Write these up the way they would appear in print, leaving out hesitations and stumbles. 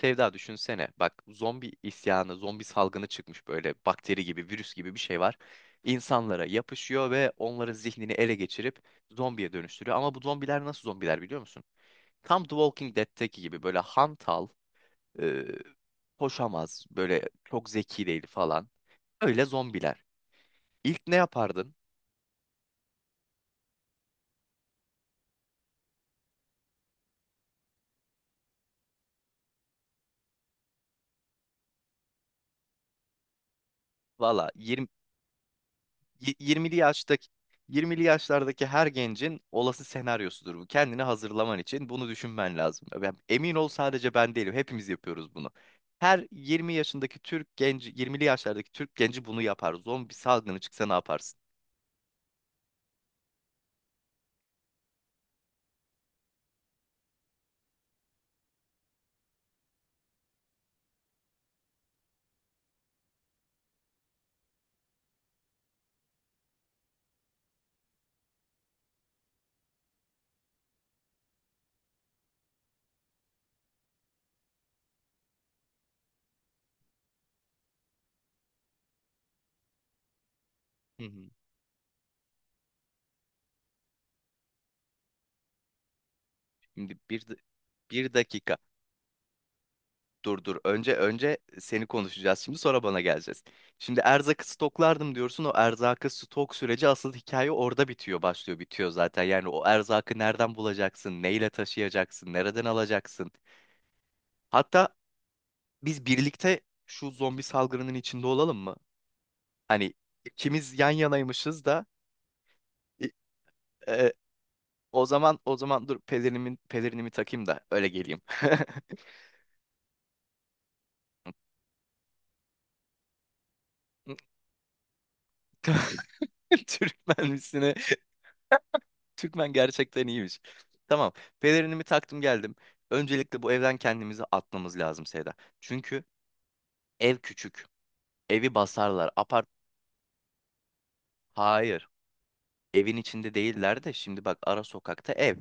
Sevda düşünsene. Bak zombi isyanı, zombi salgını çıkmış böyle bakteri gibi, virüs gibi bir şey var. İnsanlara yapışıyor ve onların zihnini ele geçirip zombiye dönüştürüyor. Ama bu zombiler nasıl zombiler biliyor musun? Tam The Walking Dead'teki gibi böyle hantal, e, koşamaz, böyle çok zeki değil falan. Öyle zombiler. İlk ne yapardın? Valla 20'li yaştaki 20'li yaşlardaki her gencin olası senaryosudur bu. Kendini hazırlaman için bunu düşünmen lazım. Ben, emin ol sadece ben değilim. Hepimiz yapıyoruz bunu. Her 20 yaşındaki Türk genci, 20'li yaşlardaki Türk genci bunu yapar. Zombi salgını çıksa ne yaparsın? Hı hı. Şimdi bir dakika. Dur dur. Önce seni konuşacağız şimdi sonra bana geleceğiz. Şimdi erzakı stoklardım diyorsun. O erzakı stok süreci asıl hikaye orada bitiyor, başlıyor, bitiyor zaten. Yani o erzakı nereden bulacaksın, neyle taşıyacaksın, nereden alacaksın? Hatta biz birlikte şu zombi salgınının içinde olalım mı? Hani ikimiz yan yanaymışız da i- e, o zaman dur pelerinimi takayım da öyle geleyim. Türkmen Türkmen gerçekten iyiymiş. Tamam. Pelerinimi taktım geldim. Öncelikle bu evden kendimizi atmamız lazım Seda. Çünkü ev küçük. Evi basarlar. Apart... Hayır. Evin içinde değiller de şimdi bak ara sokakta ev.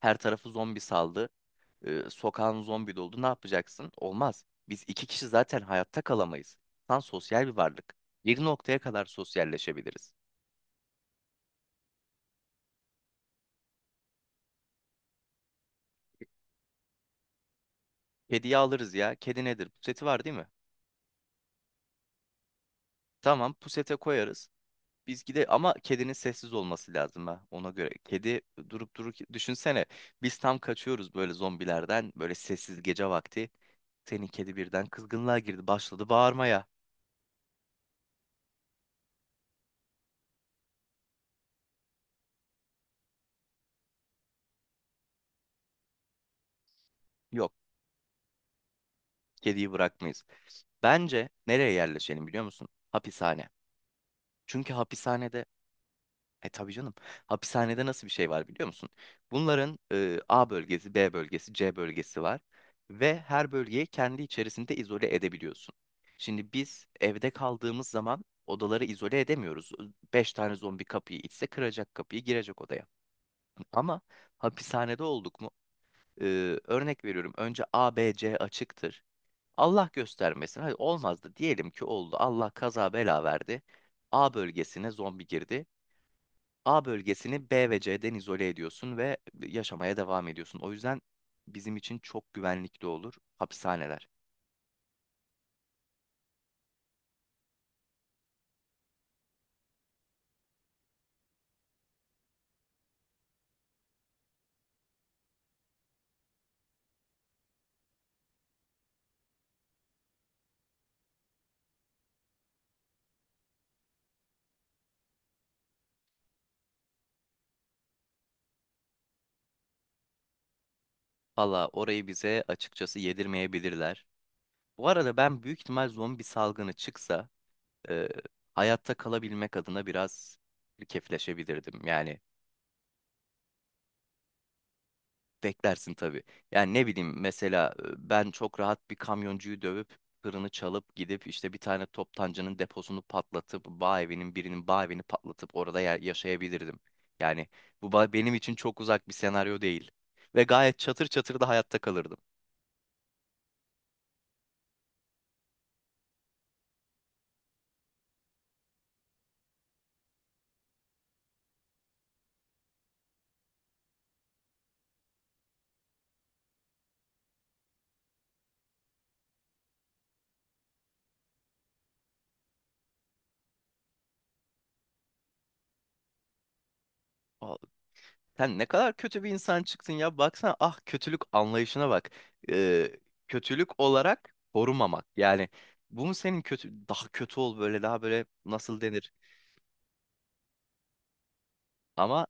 Her tarafı zombi saldı. Sokağın zombi doldu. Ne yapacaksın? Olmaz. Biz iki kişi zaten hayatta kalamayız. İnsan sosyal bir varlık. Bir noktaya kadar sosyalleşebiliriz. Kediyi alırız ya. Kedi nedir? Puseti var değil mi? Tamam, pusete koyarız. Biz gide ama kedinin sessiz olması lazım ha ona göre. Kedi durup durup düşünsene biz tam kaçıyoruz böyle zombilerden böyle sessiz gece vakti. Senin kedi birden kızgınlığa girdi başladı bağırmaya. Yok kediyi bırakmayız. Bence nereye yerleşelim biliyor musun? Hapishane. Çünkü hapishanede. E tabii canım. Hapishanede nasıl bir şey var biliyor musun? Bunların A bölgesi, B bölgesi, C bölgesi var ve her bölgeyi kendi içerisinde izole edebiliyorsun. Şimdi biz evde kaldığımız zaman odaları izole edemiyoruz. Beş tane zombi kapıyı itse kıracak kapıyı girecek odaya. Ama hapishanede olduk mu? Örnek veriyorum. Önce A, B, C açıktır. Allah göstermesin. Hadi olmazdı. Diyelim ki oldu. Allah kaza bela verdi. A bölgesine zombi girdi. A bölgesini B ve C'den izole ediyorsun ve yaşamaya devam ediyorsun. O yüzden bizim için çok güvenlikli olur hapishaneler. Valla orayı bize açıkçası yedirmeyebilirler. Bu arada ben büyük ihtimal zombi salgını çıksa e, hayatta kalabilmek adına biraz kefleşebilirdim. Yani beklersin tabii. Yani ne bileyim mesela ben çok rahat bir kamyoncuyu dövüp tırını çalıp gidip işte bir tane toptancının deposunu patlatıp bağ evinin birinin bağ evini patlatıp orada yaşayabilirdim. Yani bu benim için çok uzak bir senaryo değil. Ve gayet çatır çatır da hayatta kalırdım. Aa, sen ne kadar kötü bir insan çıktın ya. Baksana ah kötülük anlayışına bak. Ee, Kötülük olarak korumamak. Yani bu mu senin kötü daha kötü ol böyle daha böyle nasıl denir? Ama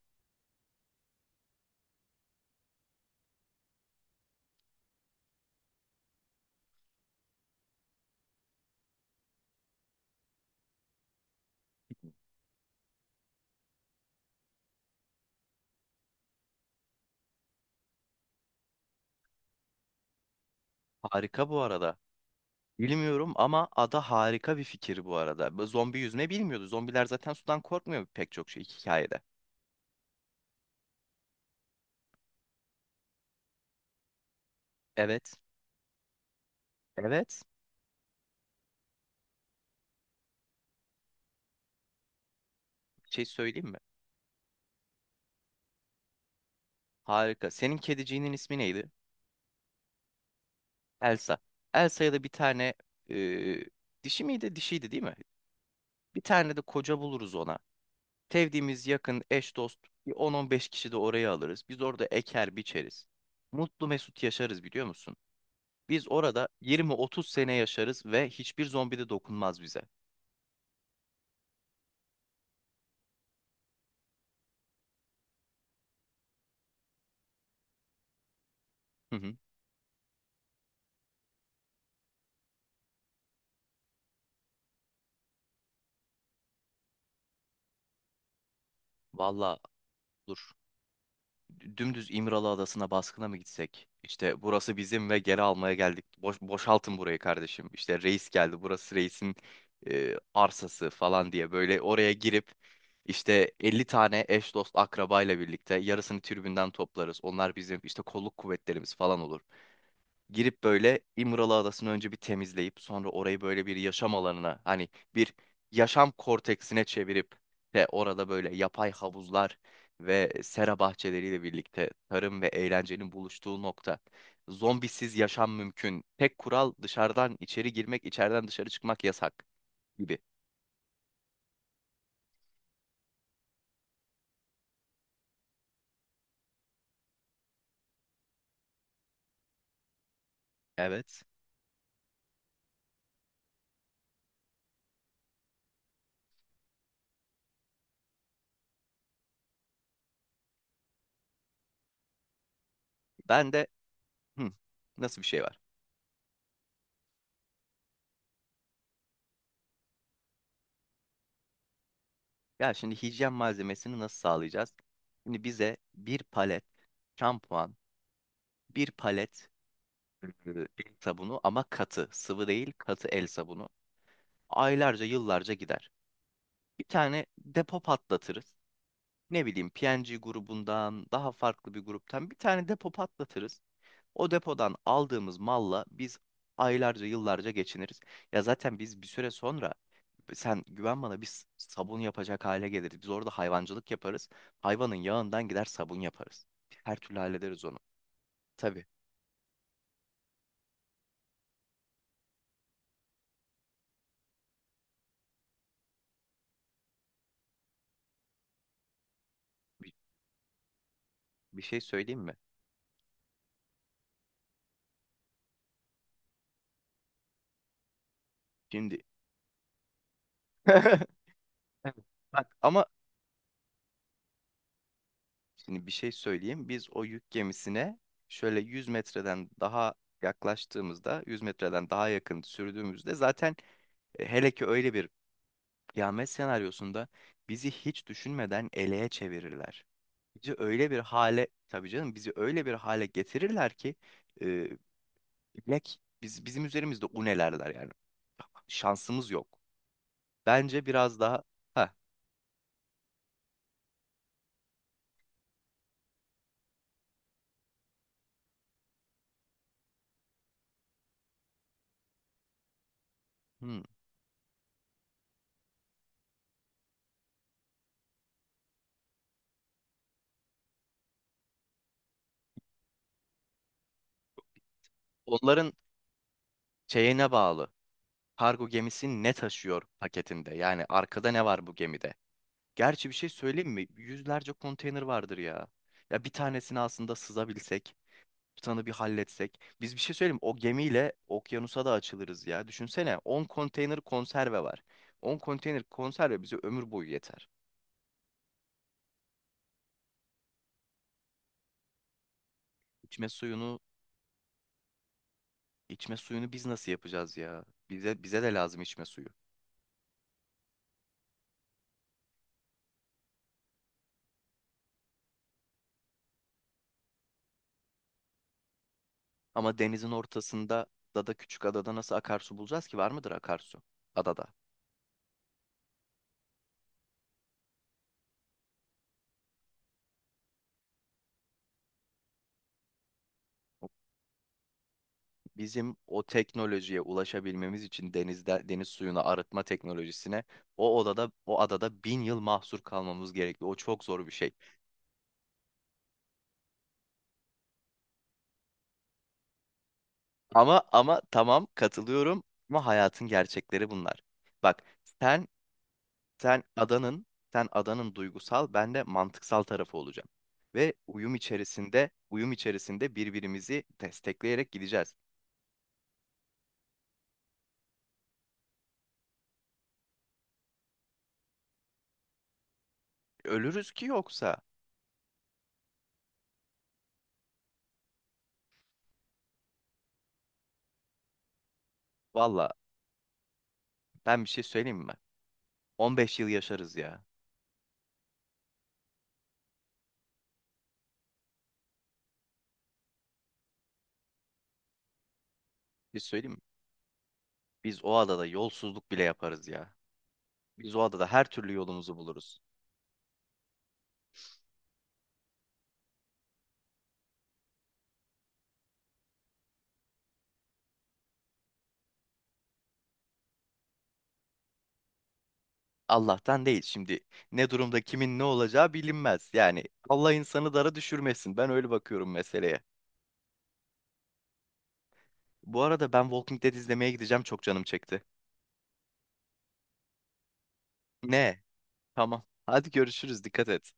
harika bu arada. Bilmiyorum ama ada harika bir fikir bu arada. Bu zombi yüzme bilmiyordu. Zombiler zaten sudan korkmuyor pek çok şey hikayede. Evet. Evet. Bir şey söyleyeyim mi? Harika. Senin kediciğinin ismi neydi? Elsa. Elsa'ya da bir tane e, dişi miydi? Dişiydi değil mi? Bir tane de koca buluruz ona. Sevdiğimiz yakın eş dost bir 10-15 kişi de oraya alırız. Biz orada eker biçeriz. Mutlu mesut yaşarız biliyor musun? Biz orada 20-30 sene yaşarız ve hiçbir zombi de dokunmaz bize. Hı hı. Valla dur. Dümdüz İmralı Adası'na baskına mı gitsek? İşte burası bizim ve geri almaya geldik. Boşaltın burayı kardeşim. İşte reis geldi. Burası reisin arsası falan diye böyle oraya girip işte 50 tane eş dost akrabayla birlikte yarısını tribünden toplarız. Onlar bizim işte kolluk kuvvetlerimiz falan olur. Girip böyle İmralı Adası'nı önce bir temizleyip sonra orayı böyle bir yaşam alanına hani bir yaşam korteksine çevirip ve orada böyle yapay havuzlar ve sera bahçeleriyle birlikte tarım ve eğlencenin buluştuğu nokta. Zombisiz yaşam mümkün. Tek kural dışarıdan içeri girmek, içeriden dışarı çıkmak yasak gibi. Evet. Ben de hı, nasıl bir şey var? Ya şimdi hijyen malzemesini nasıl sağlayacağız? Şimdi bize bir palet şampuan, bir palet el sabunu ama katı. Sıvı değil katı el sabunu. Aylarca yıllarca gider. Bir tane depo patlatırız. Ne bileyim PNG grubundan daha farklı bir gruptan bir tane depo patlatırız. O depodan aldığımız malla biz aylarca yıllarca geçiniriz. Ya zaten biz bir süre sonra sen güven bana biz sabun yapacak hale geliriz. Biz orada hayvancılık yaparız. Hayvanın yağından gider sabun yaparız. Her türlü hallederiz onu. Tabii bir, bir şey söyleyeyim mi? Şimdi. Bak ama şimdi bir şey söyleyeyim. Biz o yük gemisine şöyle 100 metreden daha yaklaştığımızda, 100 metreden daha yakın sürdüğümüzde zaten hele ki öyle bir kıyamet senaryosunda bizi hiç düşünmeden eleğe çevirirler. Bizi öyle bir hale, tabii canım bizi öyle bir hale getirirler ki e, bilek bizim üzerimizde unelerler yani. Şansımız yok. Bence biraz daha ha, hmm, onların şeyine bağlı. Kargo gemisi ne taşıyor paketinde? Yani arkada ne var bu gemide? Gerçi bir şey söyleyeyim mi? Yüzlerce konteyner vardır ya. Ya bir tanesini aslında sızabilsek, tutanı bir halletsek. Biz bir şey söyleyeyim mi? O gemiyle okyanusa da açılırız ya. Düşünsene 10 konteyner konserve var. 10 konteyner konserve bize ömür boyu yeter. İçme suyunu, içme suyunu biz nasıl yapacağız ya? Bize de lazım içme suyu. Ama denizin ortasında da küçük adada nasıl akarsu bulacağız ki? Var mıdır akarsu adada? Bizim o teknolojiye ulaşabilmemiz için denizde deniz suyunu arıtma teknolojisine o adada bin yıl mahsur kalmamız gerekli. O çok zor bir şey. Ama tamam katılıyorum ama hayatın gerçekleri bunlar. Bak sen sen adanın duygusal ben de mantıksal tarafı olacağım. Ve uyum içerisinde birbirimizi destekleyerek gideceğiz. Ölürüz ki yoksa. Valla ben bir şey söyleyeyim mi? 15 yıl yaşarız ya. Bir şey söyleyeyim mi? Biz o adada yolsuzluk bile yaparız ya. Biz o adada her türlü yolumuzu buluruz. Allah'tan değil. Şimdi ne durumda kimin ne olacağı bilinmez. Yani Allah insanı dara düşürmesin. Ben öyle bakıyorum meseleye. Bu arada ben Walking Dead izlemeye gideceğim. Çok canım çekti. Ne? Tamam. Hadi görüşürüz. Dikkat et.